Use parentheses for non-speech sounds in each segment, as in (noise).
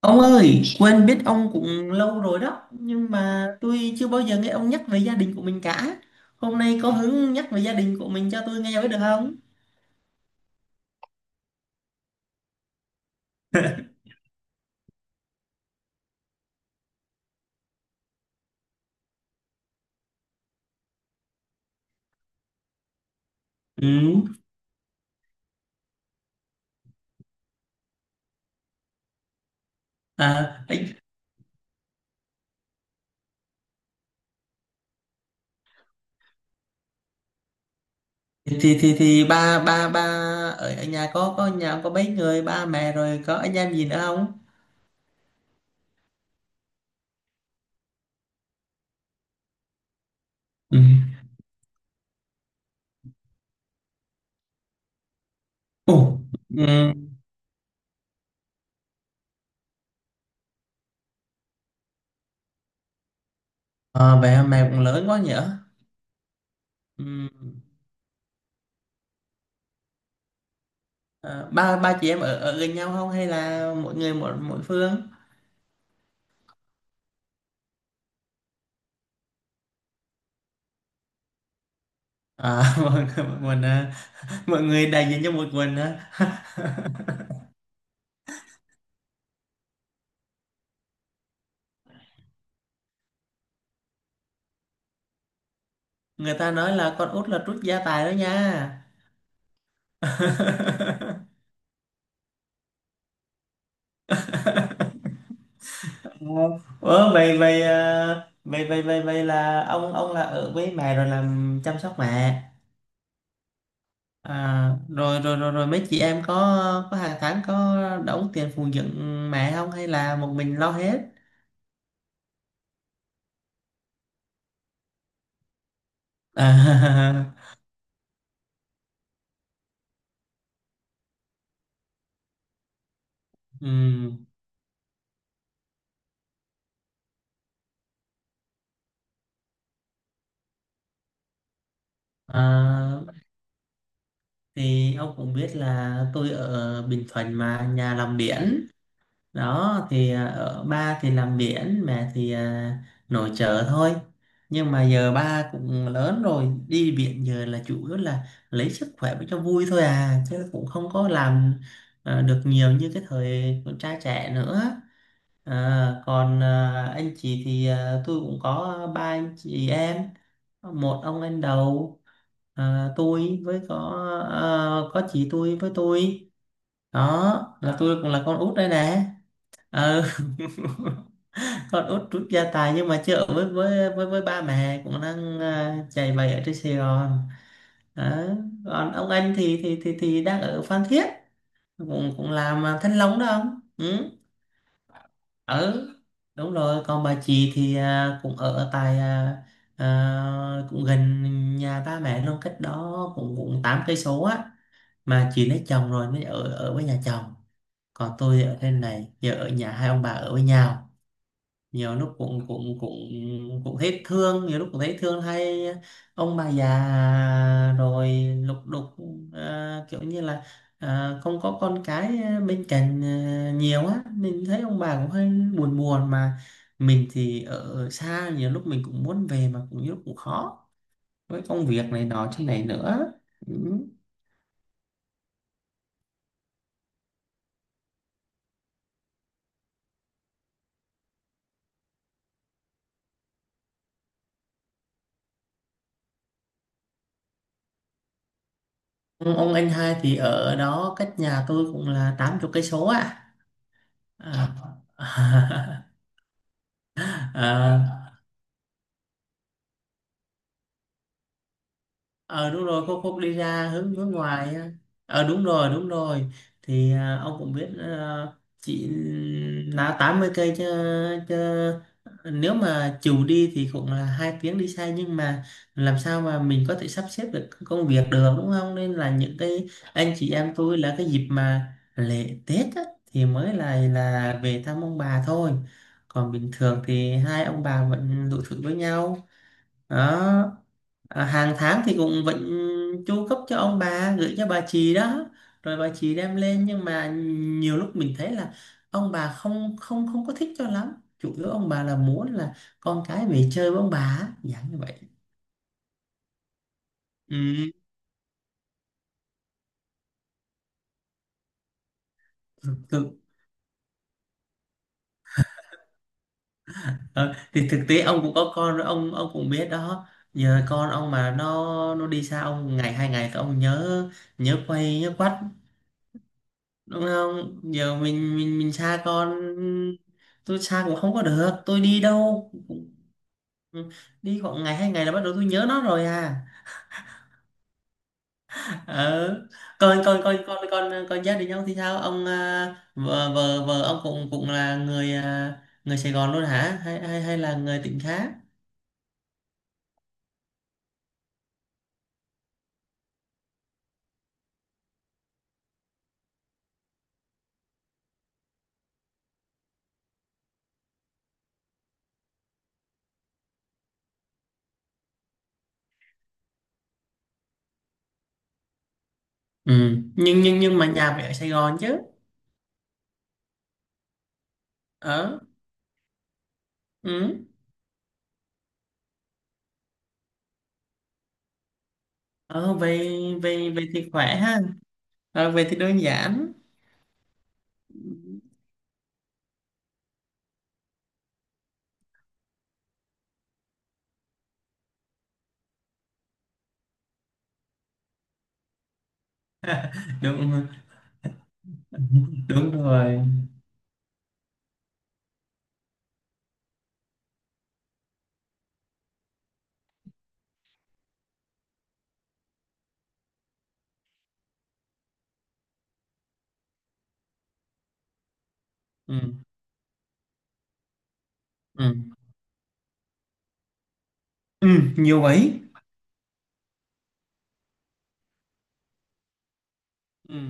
Ông ơi, quên biết ông cũng lâu rồi đó, nhưng mà tôi chưa bao giờ nghe ông nhắc về gia đình của mình cả. Hôm nay có hứng nhắc về gia đình của mình cho tôi nghe với được không? Ừ. À, ấy, thì ba ba ba ở ở nhà có nhà có mấy người, ba mẹ rồi có anh em gì nữa không? Ừ. Ồ, ừ. À, vậy mà mẹ cũng lớn quá nhỉ? Ừ. À, ba ba chị em ở ở gần nhau không hay là mỗi người một mỗi phương? À, (laughs) mọi người, mình à. (laughs) Mọi người đại diện cho một mình á. (laughs) Người ta nói là con út là trút gia tài đó nha. (laughs) Ủa, vậy vậy à, vậy vậy vậy vậy là ông là ở với mẹ rồi làm chăm sóc mẹ. À, rồi rồi rồi rồi mấy chị em có hàng tháng có đóng tiền phụng dưỡng mẹ không hay là một mình lo hết? À, (laughs) ừm, à, thì ông cũng biết là tôi ở Bình Thuận mà nhà làm biển đó thì, ở ba thì làm biển, mẹ thì nội trợ thôi, nhưng mà giờ ba cũng lớn rồi, đi biển giờ là chủ yếu là lấy sức khỏe với cho vui thôi à, chứ cũng không có làm được nhiều như cái thời con trai trẻ nữa. Còn anh chị thì tôi cũng có ba anh chị em, một ông anh đầu, tôi với có có chị tôi với tôi. Đó là tôi cũng là con út đây nè. ờ (laughs) con út rút gia tài nhưng mà chưa ở với ba mẹ, cũng đang chạy bày ở trên Sài Gòn đó. Còn ông anh thì đang ở Phan Thiết, cũng cũng làm thanh long đó ông. Ừ. Ừ, đúng rồi. Còn bà chị thì cũng ở tại, cũng gần nhà ba mẹ luôn, cách đó cũng cũng 8 cây số á, mà chị lấy chồng rồi mới ở ở với nhà chồng. Còn tôi ở trên này giờ ở nhà hai ông bà ở với nhau, nhiều lúc cũng cũng cũng cũng thấy thương, nhiều lúc cũng thấy thương hay ông bà già rồi lục đục, kiểu như là không có con cái bên cạnh nhiều á, mình thấy ông bà cũng hơi buồn buồn, mà mình thì ở xa, nhiều lúc mình cũng muốn về mà cũng nhiều lúc cũng khó với công việc này nọ thế này nữa. Ừ. ông anh hai thì ở đó cách nhà tôi cũng là 80 cây số ạ. à. (laughs) À. ờ Đúng rồi, khúc khúc đi ra hướng hướng ngoài á. Đúng rồi, đúng rồi. Thì ông cũng biết, chỉ là 80 cây chứ, chứ nếu mà chiều đi thì cũng là 2 tiếng đi xe, nhưng mà làm sao mà mình có thể sắp xếp được công việc được đúng không, nên là những cái anh chị em tôi là cái dịp mà lễ Tết á, thì mới là về thăm ông bà thôi, còn bình thường thì hai ông bà vẫn tụ thụ với nhau đó. À, hàng tháng thì cũng vẫn chu cấp cho ông bà, gửi cho bà chị đó rồi bà chị đem lên, nhưng mà nhiều lúc mình thấy là ông bà không không không có thích cho lắm, chủ yếu ông bà là muốn là con cái về chơi với ông bà á, dạng như vậy. Ừ, thực, thực, ờ, thì thực tế ông cũng có con rồi, ông cũng biết đó, giờ con ông mà nó đi xa ông ngày 2 ngày thì ông nhớ nhớ quay nhớ quắt, đúng không, giờ mình xa con, tôi xa cũng không có được, tôi đi đâu đi khoảng ngày 2 ngày là bắt đầu tôi nhớ nó rồi à. (laughs) ờ còn còn còn còn còn còn gia đình ông thì sao ông, vợ vợ vợ ông cũng cũng là người Sài Gòn luôn hả, hay hay hay là người tỉnh khác? Ừ. Nhưng mà nhà phải ở Sài Gòn chứ. ờ ừ. ờ về về về thì khỏe ha. Về thì đơn giản. (laughs) đúng đúng rồi. Ừ. Ừ. Ừ, nhiều ấy. Ừ.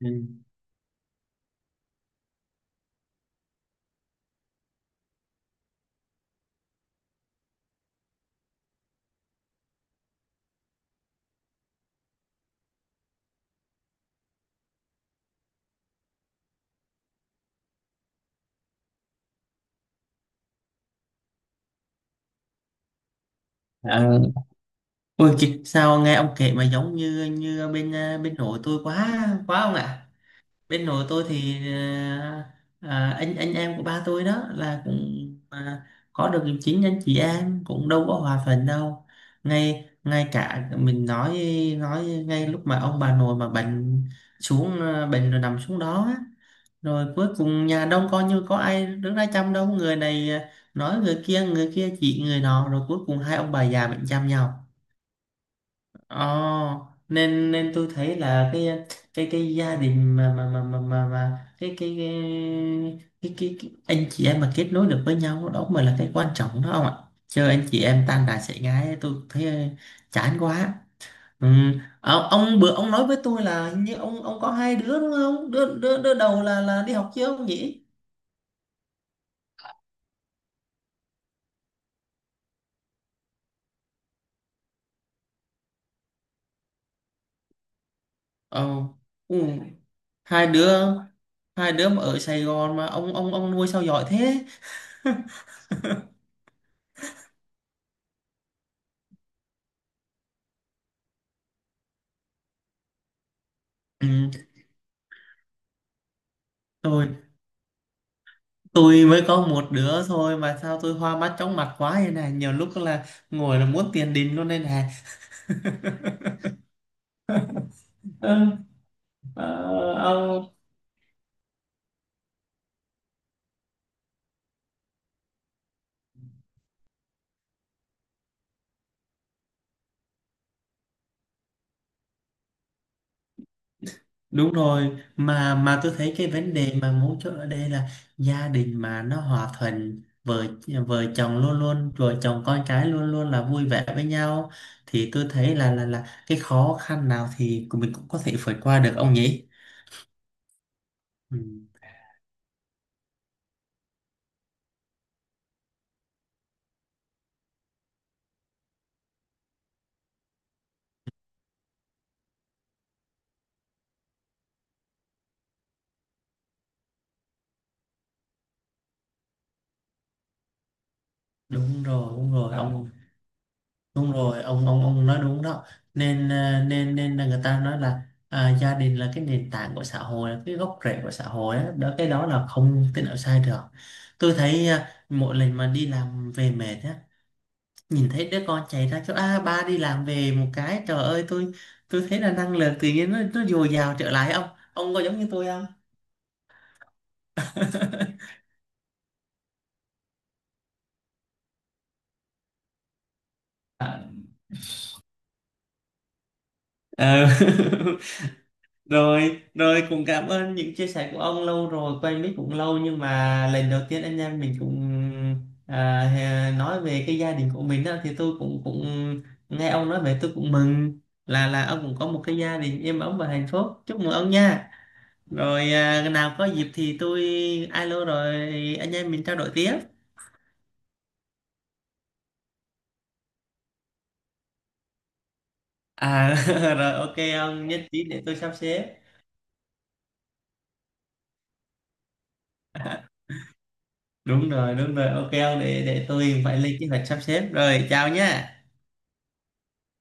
Ừ. Ờ, sao nghe ông kể mà giống như như bên, bên nội tôi quá quá ông ạ. Bên nội tôi thì, anh em của ba tôi đó là cũng, à, có được chính anh chị em cũng đâu có hòa thuận đâu, ngay ngay cả mình nói ngay lúc mà ông bà nội mà bệnh xuống, bệnh rồi nằm xuống đó á, rồi cuối cùng nhà đông coi như có ai đứng ra chăm đâu, người này nói người kia, người kia chỉ người nọ, rồi cuối cùng hai ông bà già bệnh chăm nhau. Ồ, nên nên tôi thấy là cái gia đình mà cái anh chị em mà kết nối được với nhau đó mới là cái quan trọng đó ông ạ, chứ anh chị em tan đàn xẻ ngái tôi thấy chán quá. Ừ. Ờ, ông bữa ông nói với tôi là hình như ông có hai đứa đúng không, đứa đứa, đứa đầu là đi học chưa ông nhỉ? ờ ừ. Hai đứa, mà ở Sài Gòn mà ông nuôi sao giỏi thế. (laughs) Ừ. tôi tôi mới có một đứa thôi mà sao tôi hoa mắt chóng mặt quá vậy này, nhiều lúc là ngồi là muốn tiền đình luôn đây này. (laughs) Ừ. Ờ, ông. Đúng rồi, mà tôi thấy cái vấn đề mà mấu chốt ở đây là gia đình mà nó hòa thuận, vợ vợ chồng luôn luôn, vợ chồng con cái luôn luôn là vui vẻ với nhau thì tôi thấy là là cái khó khăn nào thì mình cũng có thể vượt qua được ông nhỉ? Ừ, đúng rồi ông. Đúng rồi ông, ông nói đúng đó, nên nên nên là người ta nói là gia đình là cái nền tảng của xã hội, là cái gốc rễ của xã hội á đó, cái đó là không thể nào sai được. Tôi thấy mỗi lần mà đi làm về mệt á, nhìn thấy đứa con chạy ra kêu a ba đi làm về một cái, trời ơi tôi thấy là năng lượng tự nhiên nó dồi dào trở lại, ông có giống như tôi không? (laughs) Ờ. Rồi, rồi cũng cảm ơn những chia sẻ của ông, lâu rồi, quen biết cũng lâu nhưng mà lần đầu tiên anh em mình cũng nói về cái gia đình của mình á, thì tôi cũng cũng nghe ông nói về, tôi cũng mừng là ông cũng có một cái gia đình êm ấm và hạnh phúc. Chúc mừng ông nha. Rồi à, nào có dịp thì tôi alo rồi anh em mình trao đổi tiếp. À (laughs) rồi ok, ông nhất trí để tôi sắp xếp. Đúng rồi, đúng rồi. Ok ông, để tôi phải lên kế hoạch sắp xếp. Rồi chào nha.